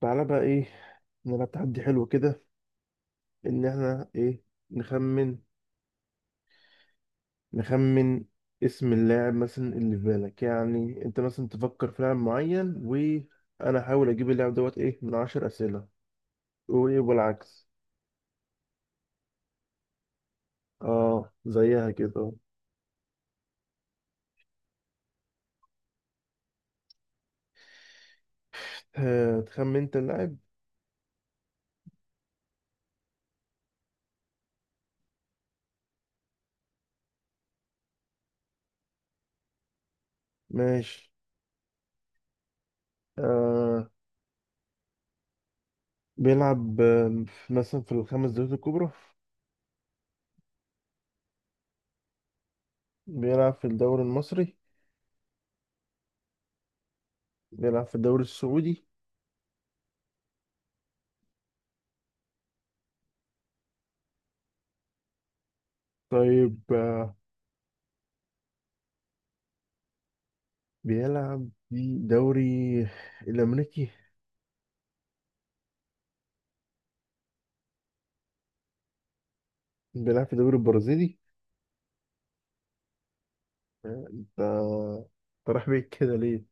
تعالى بقى ايه، نلعب تحدي حلو كده، ان احنا ايه، نخمن نخمن اسم اللاعب مثلا اللي في بالك، يعني انت مثلا تفكر في لاعب معين وانا احاول اجيب اللاعب دوت ايه من عشر اسئلة، وايه والعكس. اه زيها كده. تخمن انت اللاعب. ماشي. آه بيلعب مثلا في الخمس دوريات الكبرى. بيلعب في الدوري المصري. بيلعب في الدوري السعودي. طيب بيلعب في الدوري الأمريكي. بيلعب في الدوري البرازيلي. انت رايح بعيد كده ليه؟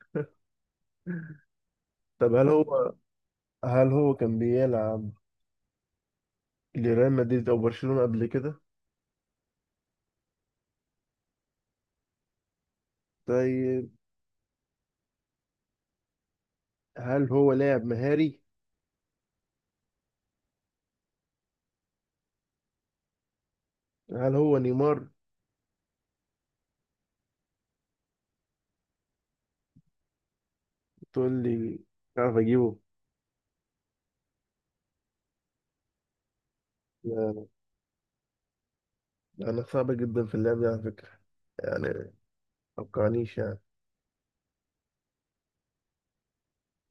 طب هل هو كان بيلعب لريال مدريد أو برشلونة قبل كده؟ طيب، هل هو لاعب مهاري؟ هل هو نيمار؟ تقول لي عارف أجيبه. لا، أنا صعب جدا في اللعب ده على فكرة، يعني متوقعنيش يعني.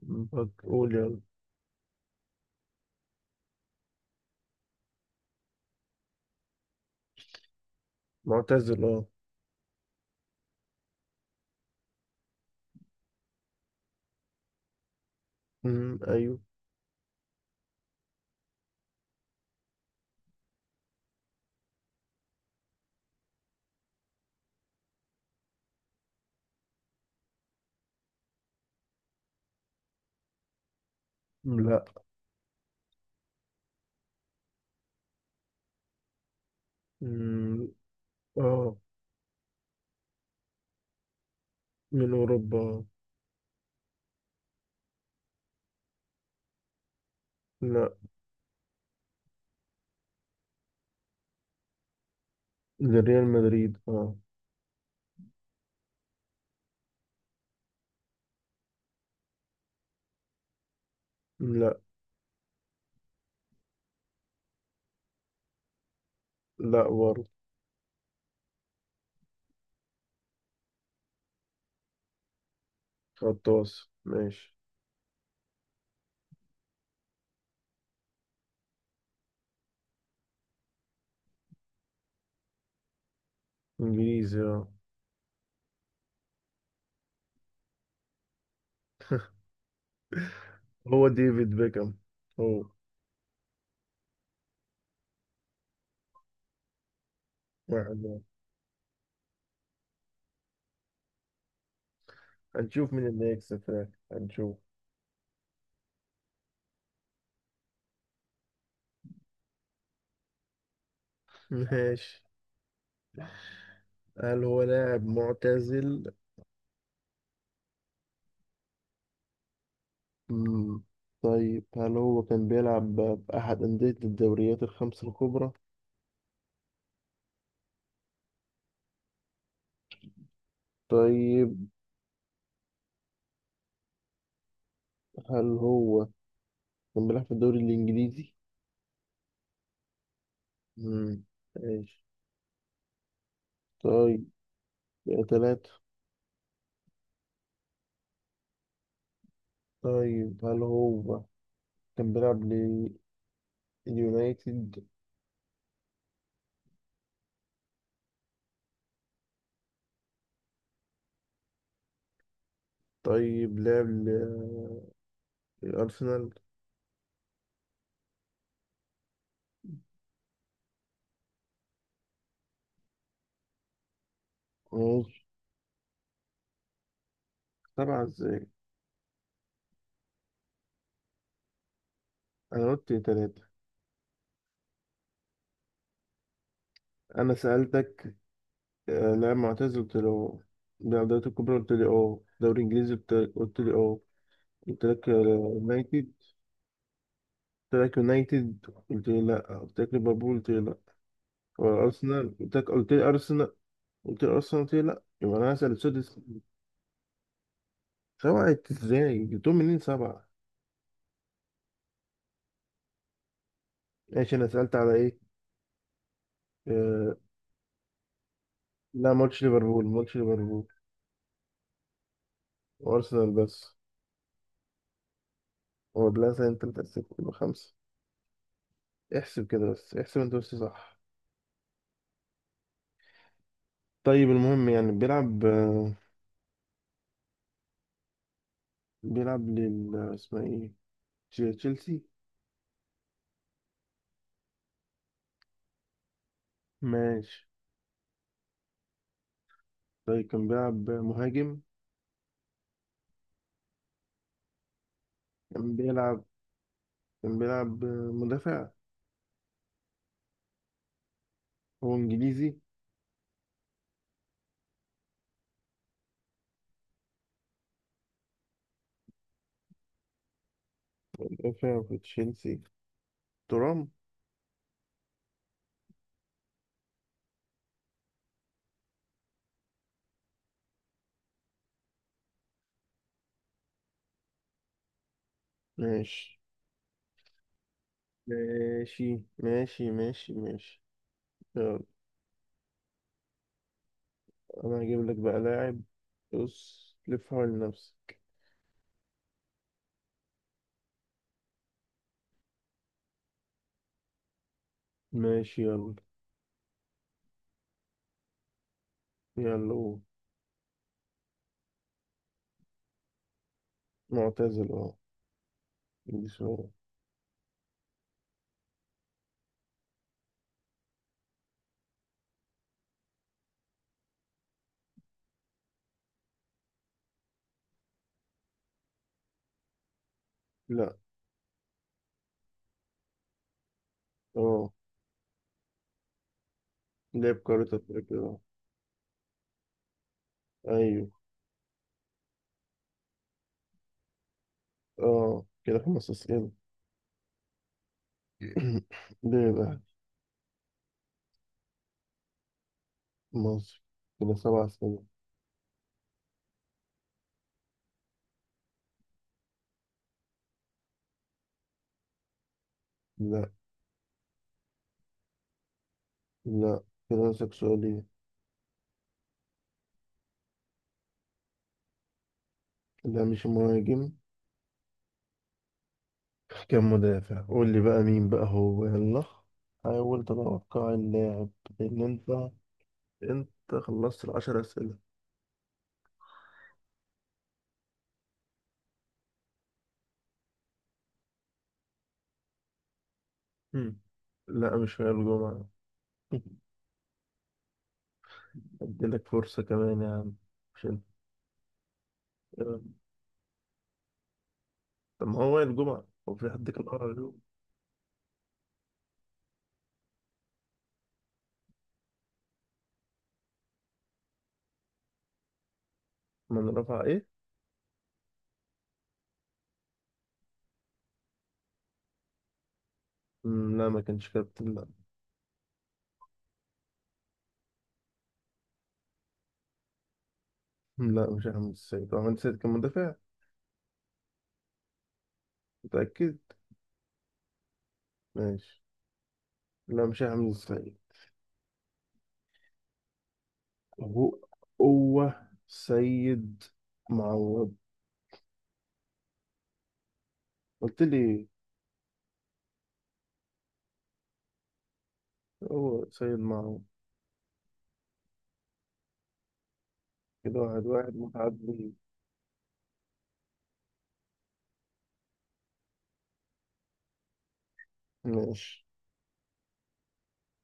قول يلا. معتزل اه. أمم، أيوه. أمم، لا. أمم، اه. من أوروبا. لا. لريال مدريد اه. لا. لا برضه. غطاس. ماشي. انجليزي اه. هو ديفيد بيكهام. هو واحد واحد. هنشوف مين اللي هيكسب في الآخر، هنشوف. ماشي. هل هو لاعب معتزل؟ مم. طيب، هل هو كان بيلعب بأحد أندية الدوريات الخمس الكبرى؟ طيب، هل هو كان بيلعب في الدوري الإنجليزي؟ مم. ماشي. طيب. ثلاثة. طيب، هل هو كان بيلعب اليونايتد. طيب لعب الأرسنال. ماشي. سبعة ازاي؟ أنا قلت تلاتة. أنا سألتك لاعب معتزل، قلت لي اه. لاعب دوري الكبرى قلت لي اه. دوري إنجليزي قلت لي اه. قلت لك يونايتد. قلت لك يونايتد، قلت لي لأ. قلت لك ليفربول، قلت لي لأ. أرسنال قلت لك، قلت لي أرسنال. قلت لي أرسنال، قلت لي لأ، يبقى أنا هسأل السادس. سبعة ازاي؟ جبتهم منين سبعة؟ ماشي. أنا سألت على إيه؟ آه، لا، ما قلتش ليفربول، ما قلتش ليفربول وارسنال بس. هو بلازا انت متأسف، يبقى خمسة. احسب كده بس، احسب انت بس صح. طيب المهم، يعني بيلعب بيلعب لل اسمها ايه، تشيلسي. ماشي. طيب، كان بيلعب مهاجم. كان بيلعب كان بيلعب مدافع. هو انجليزي. مدافع في تشيلسي، ترام. ماشي ماشي ماشي ماشي. ماشي يلا. انا هجيب لك بقى لاعب، بص لف حوالين نفسك. ماشي يلا. يلا. هو معتزل اه. بسم- لا. اه لعب كرة أفريقيا اه. أيوه. اه، كده خمس أسئلة. لعب أهلي. مصر. كده سبع أسئلة. لا. لا. كده ناقصك سؤالين. لا، مش مهاجم. كان مدافع. قول لي بقى مين بقى هو، يلا، حاول تتوقع اللاعب، لأن أنت، أنت خلصت العشر أسئلة. مم. لا، مش هي الجمعة. أديلك فرصة كمان يا عم، مش أنت. طب ما هو وائل الجمعة، هو في حد كان أقرب له؟ من رفع ايه؟ مم، لا، ما كانش كابتن لا. مم، لا، مش احمد السيد، هو احمد السيد كان مدافع. متأكد. ماشي. لا مش احمد السيد. هو، هو سيد معوض. قلت لي. هو سيد معوض. كده واحد واحد متعدي. ماشي.